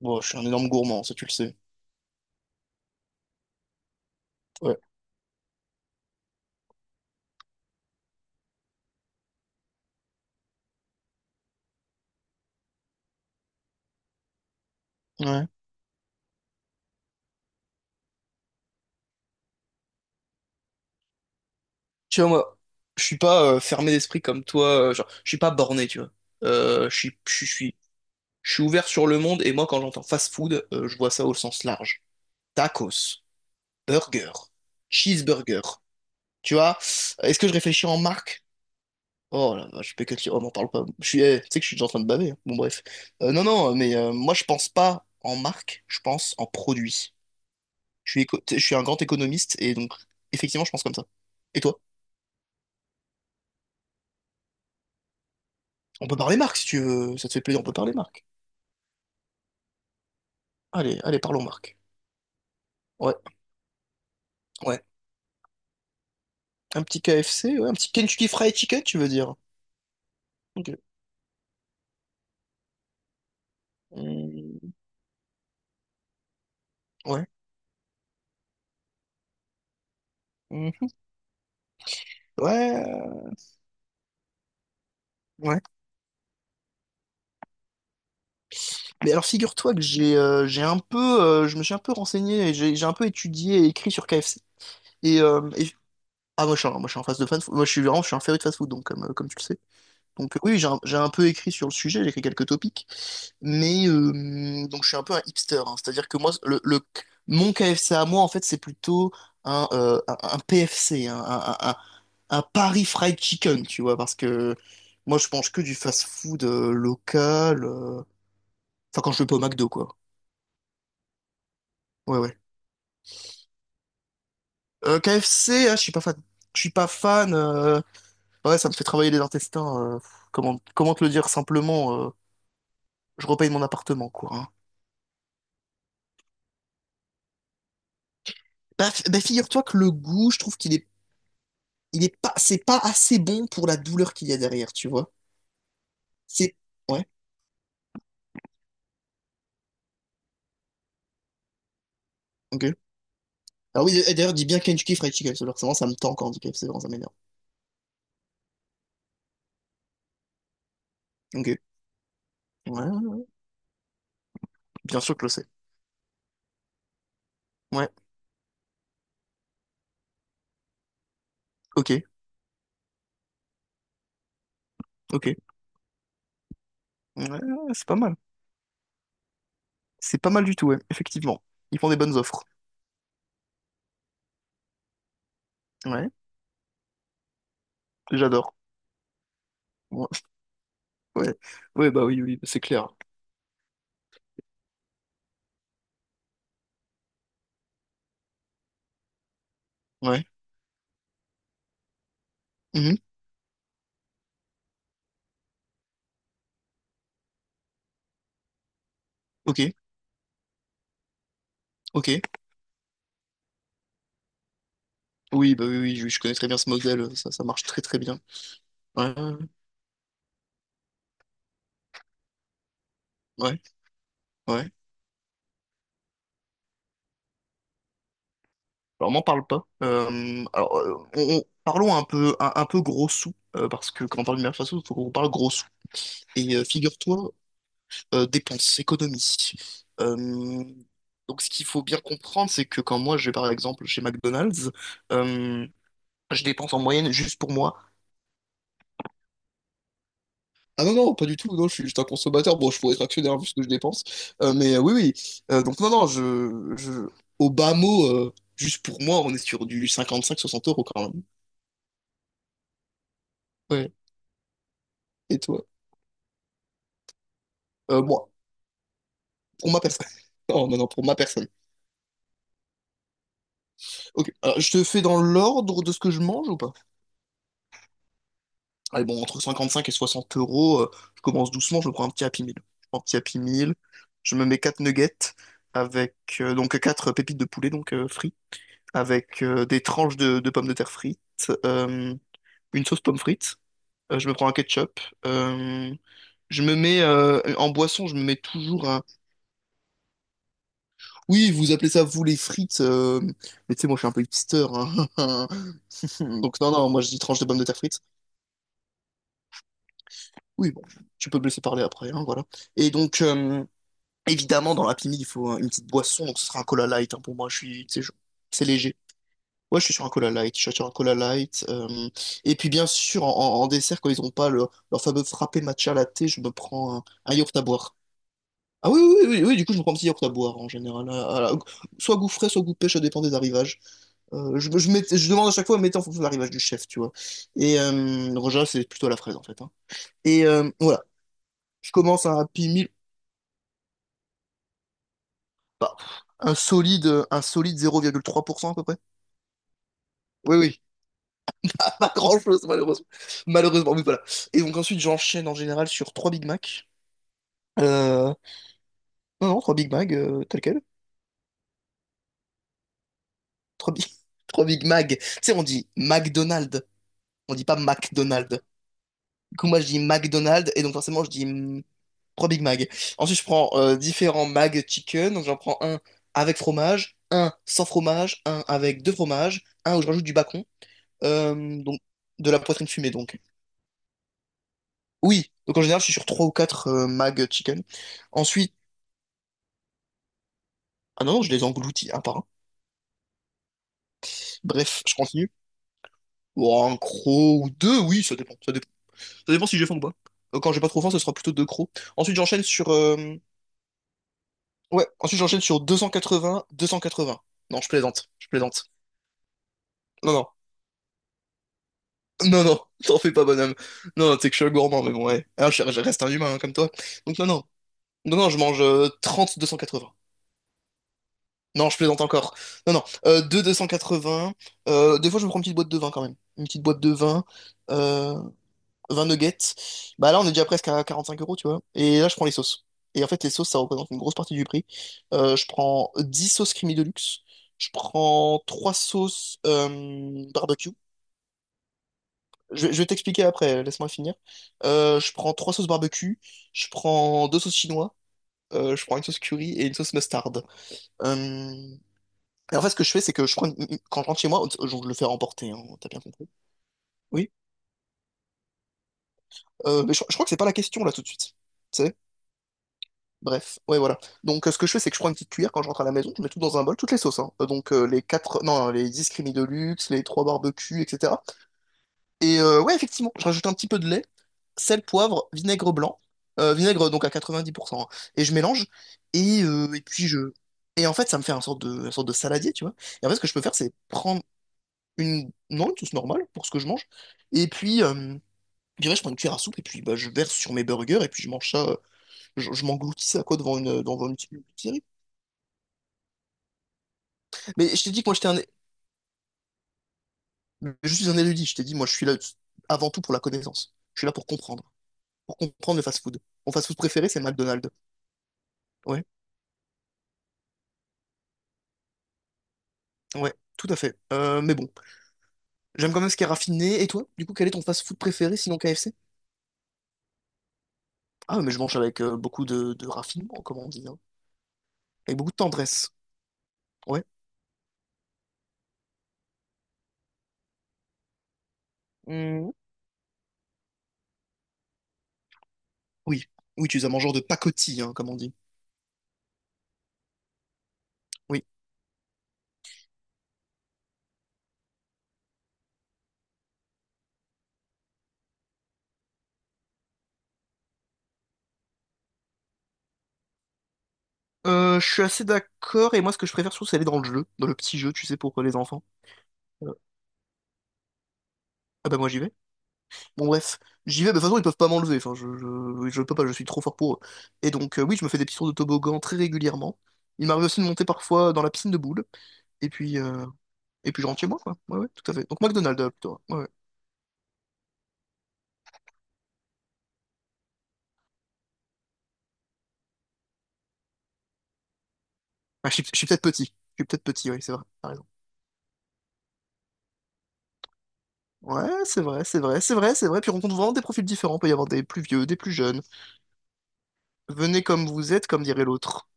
Bon, je suis un énorme gourmand, ça tu le sais. Ouais. Ouais. Tu vois, moi, je suis pas fermé d'esprit comme toi, genre, je suis pas borné, tu vois. Euh, je suis, je suis, je suis je suis ouvert sur le monde, et moi, quand j'entends fast food, je vois ça au sens large. Tacos, burger, cheeseburger, tu vois. Est-ce que je réfléchis en marque? Oh là je fais que te dire, oh, m'en parle pas. Tu sais que je suis déjà en train de baver, hein. Bon, bref. Non, non, mais moi, je pense pas en marque, je pense en produit. Je suis un grand économiste, et donc, effectivement, je pense comme ça. Et toi? On peut parler Marc si tu veux. Ça te fait plaisir, on peut parler Marc. Allez, allez, parlons Marc. Ouais, ouais. Un petit KFC, ouais, un petit Kentucky Fried Chicken, tu veux dire. Ok. Mm, ouais. Mhm. Ouais, ouais. Mais alors figure-toi que j'ai un peu je me suis un peu renseigné et j'ai un peu étudié et écrit sur KFC. Et, euh, et- ah moi je suis en phase de fan. Moi je suis vraiment je suis un féru de fast food donc comme tu le sais. Donc oui, j'ai un peu écrit sur le sujet, j'ai écrit quelques topics, mais donc je suis un peu un hipster, hein. C'est-à-dire que moi, mon KFC à moi, en fait, c'est plutôt un PFC, un Paris Fried Chicken, tu vois, parce que moi, je mange que du fast-food local, enfin, quand je vais pas au McDo, quoi. Ouais, ouais. KFC, ah, je suis pas fan. Je suis pas fan, ouais, ça me fait travailler les intestins, comment te le dire simplement, je repaye mon appartement, quoi, hein. Bah, figure-toi que le goût, je trouve qu'il est, il est pas, c'est pas assez bon pour la douleur qu'il y a derrière, tu vois. C'est, ouais, ok. Ah oui, et d'ailleurs, dis bien Kentucky Fried Chicken, parce que vraiment, ça me tend quand on dit KFC, vraiment, ça m'énerve. Ok. Ouais, bien sûr que je le sais. Ouais, ok, ok. Ouais, c'est pas mal. C'est pas mal du tout, ouais, effectivement. Ils font des bonnes offres. Ouais, j'adore. Ouais, ouais, ouais, bah oui, oui, c'est clair. Ouais. Mhm. Ok, ok. Oui, bah oui, oui, je connais très bien ce modèle, ça marche très très bien. Ouais, ouais, ouais. Alors, m'en parle pas. Alors, parlons un peu, un peu gros sous, parce que quand on parle du façon, il faut qu'on parle gros sous. Et figure-toi, dépenses, économies. Euh, donc, ce qu'il faut bien comprendre, c'est que quand moi, je vais par exemple chez McDonald's, euh, je dépense en moyenne juste pour moi. Ah non, non, pas du tout, non, je suis juste un consommateur. Bon, je pourrais être actionnaire vu ce que je dépense. Oui, oui. Donc, non, non, je, au bas mot, juste pour moi, on est sur du 55-60 € quand même. Ouais. Et toi? Bon, pour ma personne. Non, non, non, pour ma personne. Ok, alors je te fais dans l'ordre de ce que je mange ou pas? Allez, bon, entre 55 et 60 euros, je commence doucement, je me prends un petit Happy Meal. Je prends un petit Happy Meal, je me mets 4 nuggets avec donc 4 pépites de poulet, donc frites, avec des tranches de pommes de terre frites, une sauce pomme frite, je me prends un ketchup, je me mets en boisson, je me mets toujours un. Oui, vous appelez ça vous les frites, mais tu sais, moi je suis un peu hipster, hein. Donc non, non, moi je dis tranche de pommes de terre frites. Oui, bon, tu peux me laisser parler après, hein, voilà. Et donc, évidemment, dans l'Happy Meal, il faut une petite boisson, donc ce sera un cola light, hein, pour moi, je suis, tu sais, je- c'est léger. Ouais, je suis sur un cola light, je suis sur un cola light, et puis bien sûr, en dessert, quand ils n'ont pas leur fameux frappé matcha latte, je me prends un yaourt à boire. Ah oui, oui, oui, oui, oui, du coup, je me prends un petit yaourt à boire, en général, soit goût frais, soit goût pêche, ça dépend des arrivages. Je demande à chaque fois, mettez en fonction de l'arrivage du chef, tu vois. Et en général, c'est plutôt à la fraise, en fait, hein. Et voilà, je commence à un Happy Meal, bah, un solide 0,3% à peu près. Oui, oui, pas, pas grand-chose, malheureusement. Malheureusement, oui, voilà. Et donc ensuite, j'enchaîne en général sur 3 Big Mac. Euh, non, non, 3 Big Mac, tel quel. 3 Big, 3 Big Mac. Tu sais, on dit McDonald's, on dit pas McDonald's. Du coup, moi, je dis McDonald's, et donc forcément, je dis 3 Big Mac. Ensuite, je prends différents Mac Chicken, donc j'en prends un avec fromage, un sans fromage, un avec deux fromages, un où je rajoute du bacon. Donc, de la poitrine fumée, donc. Oui, donc en général, je suis sur 3 ou 4 mag chicken. Ensuite, ah non, non, je les engloutis un par un. Bref, je continue. Oh, un croc ou deux, oui, ça dépend. Ça dépend, ça dépend si j'ai faim ou pas. Quand j'ai pas trop faim, ce sera plutôt deux crocs. Ensuite, j'enchaîne sur. Ouais, ensuite, j'enchaîne sur deux cent quatre-vingts. Non, je plaisante, je plaisante. Non, non. Non, non, t'en fais pas, bonhomme. Non, non, t'es que je suis un gourmand, mais bon, ouais. Ah, je reste un humain, hein, comme toi. Donc, non, non. Non, non, je mange 30, 280. Non, je plaisante encore. Non, non. 2 280. Des fois, je me prends une petite boîte de vin quand même. Une petite boîte de vin. Euh, 20 nuggets. Bah là, on est déjà presque à 45 euros, tu vois. Et là, je prends les sauces. Et en fait, les sauces, ça représente une grosse partie du prix. Je prends 10 sauces creamy deluxe. Je prends trois sauces barbecue. Je vais t'expliquer après, laisse-moi finir. Je prends 3 sauces barbecue. Je prends 2 sauces chinois. Je prends une sauce curry et une sauce mustard. Euh, Et en fait, ce que je fais, c'est que je prends une- quand je rentre chez moi, je le fais remporter, hein, t'as bien compris. Oui. Mais je crois que c'est pas la question là tout de suite. Tu sais? Bref, ouais, voilà. Donc, ce que je fais, c'est que je prends une petite cuillère quand je rentre à la maison, je mets tout dans un bol, toutes les sauces, hein. Donc, les quatre, non, les 10 crémies de luxe, les trois barbecues, etc. Et ouais, effectivement, je rajoute un petit peu de lait, sel, poivre, vinaigre blanc, vinaigre donc à 90%, hein, et je mélange. Et puis je. Et en fait, ça me fait un sorte de, une sorte de saladier, tu vois. Et en fait, ce que je peux faire, c'est prendre Non, une sauce normale pour ce que je mange. Et puis, je dirais, je prends une cuillère à soupe et puis bah, je verse sur mes burgers et puis je mange ça, je m'engloutis ça quoi devant une petite série. Mais je t'ai dit que moi j'étais un. Je suis un érudit, je t'ai dit, moi je suis là avant tout pour la connaissance. Je suis là pour comprendre. Pour comprendre le fast-food. Mon fast-food préféré, c'est McDonald's. Ouais, ouais, tout à fait. Mais bon, j'aime quand même ce qui est raffiné. Et toi, du coup, quel est ton fast-food préféré sinon KFC? Ah, mais je mange avec beaucoup de raffinement, comme on dit, hein. Avec beaucoup de tendresse. Ouais. Oui, oui, tu es un mangeur de pacotille, hein, comme on dit. Oui. Je suis assez d'accord, et moi ce que je préfère surtout c'est aller dans le jeu, dans le petit jeu, tu sais, pour les enfants. Euh, ah bah moi j'y vais. Bon bref, j'y vais, mais de toute façon ils peuvent pas m'enlever, enfin je peux pas, je suis trop fort pour eux. Et donc oui, je me fais des petits tours de toboggan très régulièrement. Il m'arrive aussi de monter parfois dans la piscine de boules, et puis, je rentre chez moi, quoi. Ouais, ouais, tout à fait. Donc McDonald's plutôt, ouais, ouais. Ah, je suis peut-être petit, je suis peut-être petit, oui, c'est vrai, t'as raison. Ouais, c'est vrai, c'est vrai, c'est vrai, c'est vrai, puis on rencontre vraiment des profils différents, il peut y avoir des plus vieux, des plus jeunes. Venez comme vous êtes, comme dirait l'autre.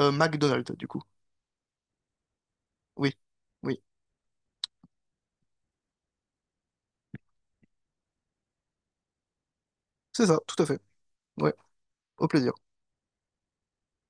McDonald's, du coup. Oui, oui, c'est ça, tout à fait. Ouais, au plaisir.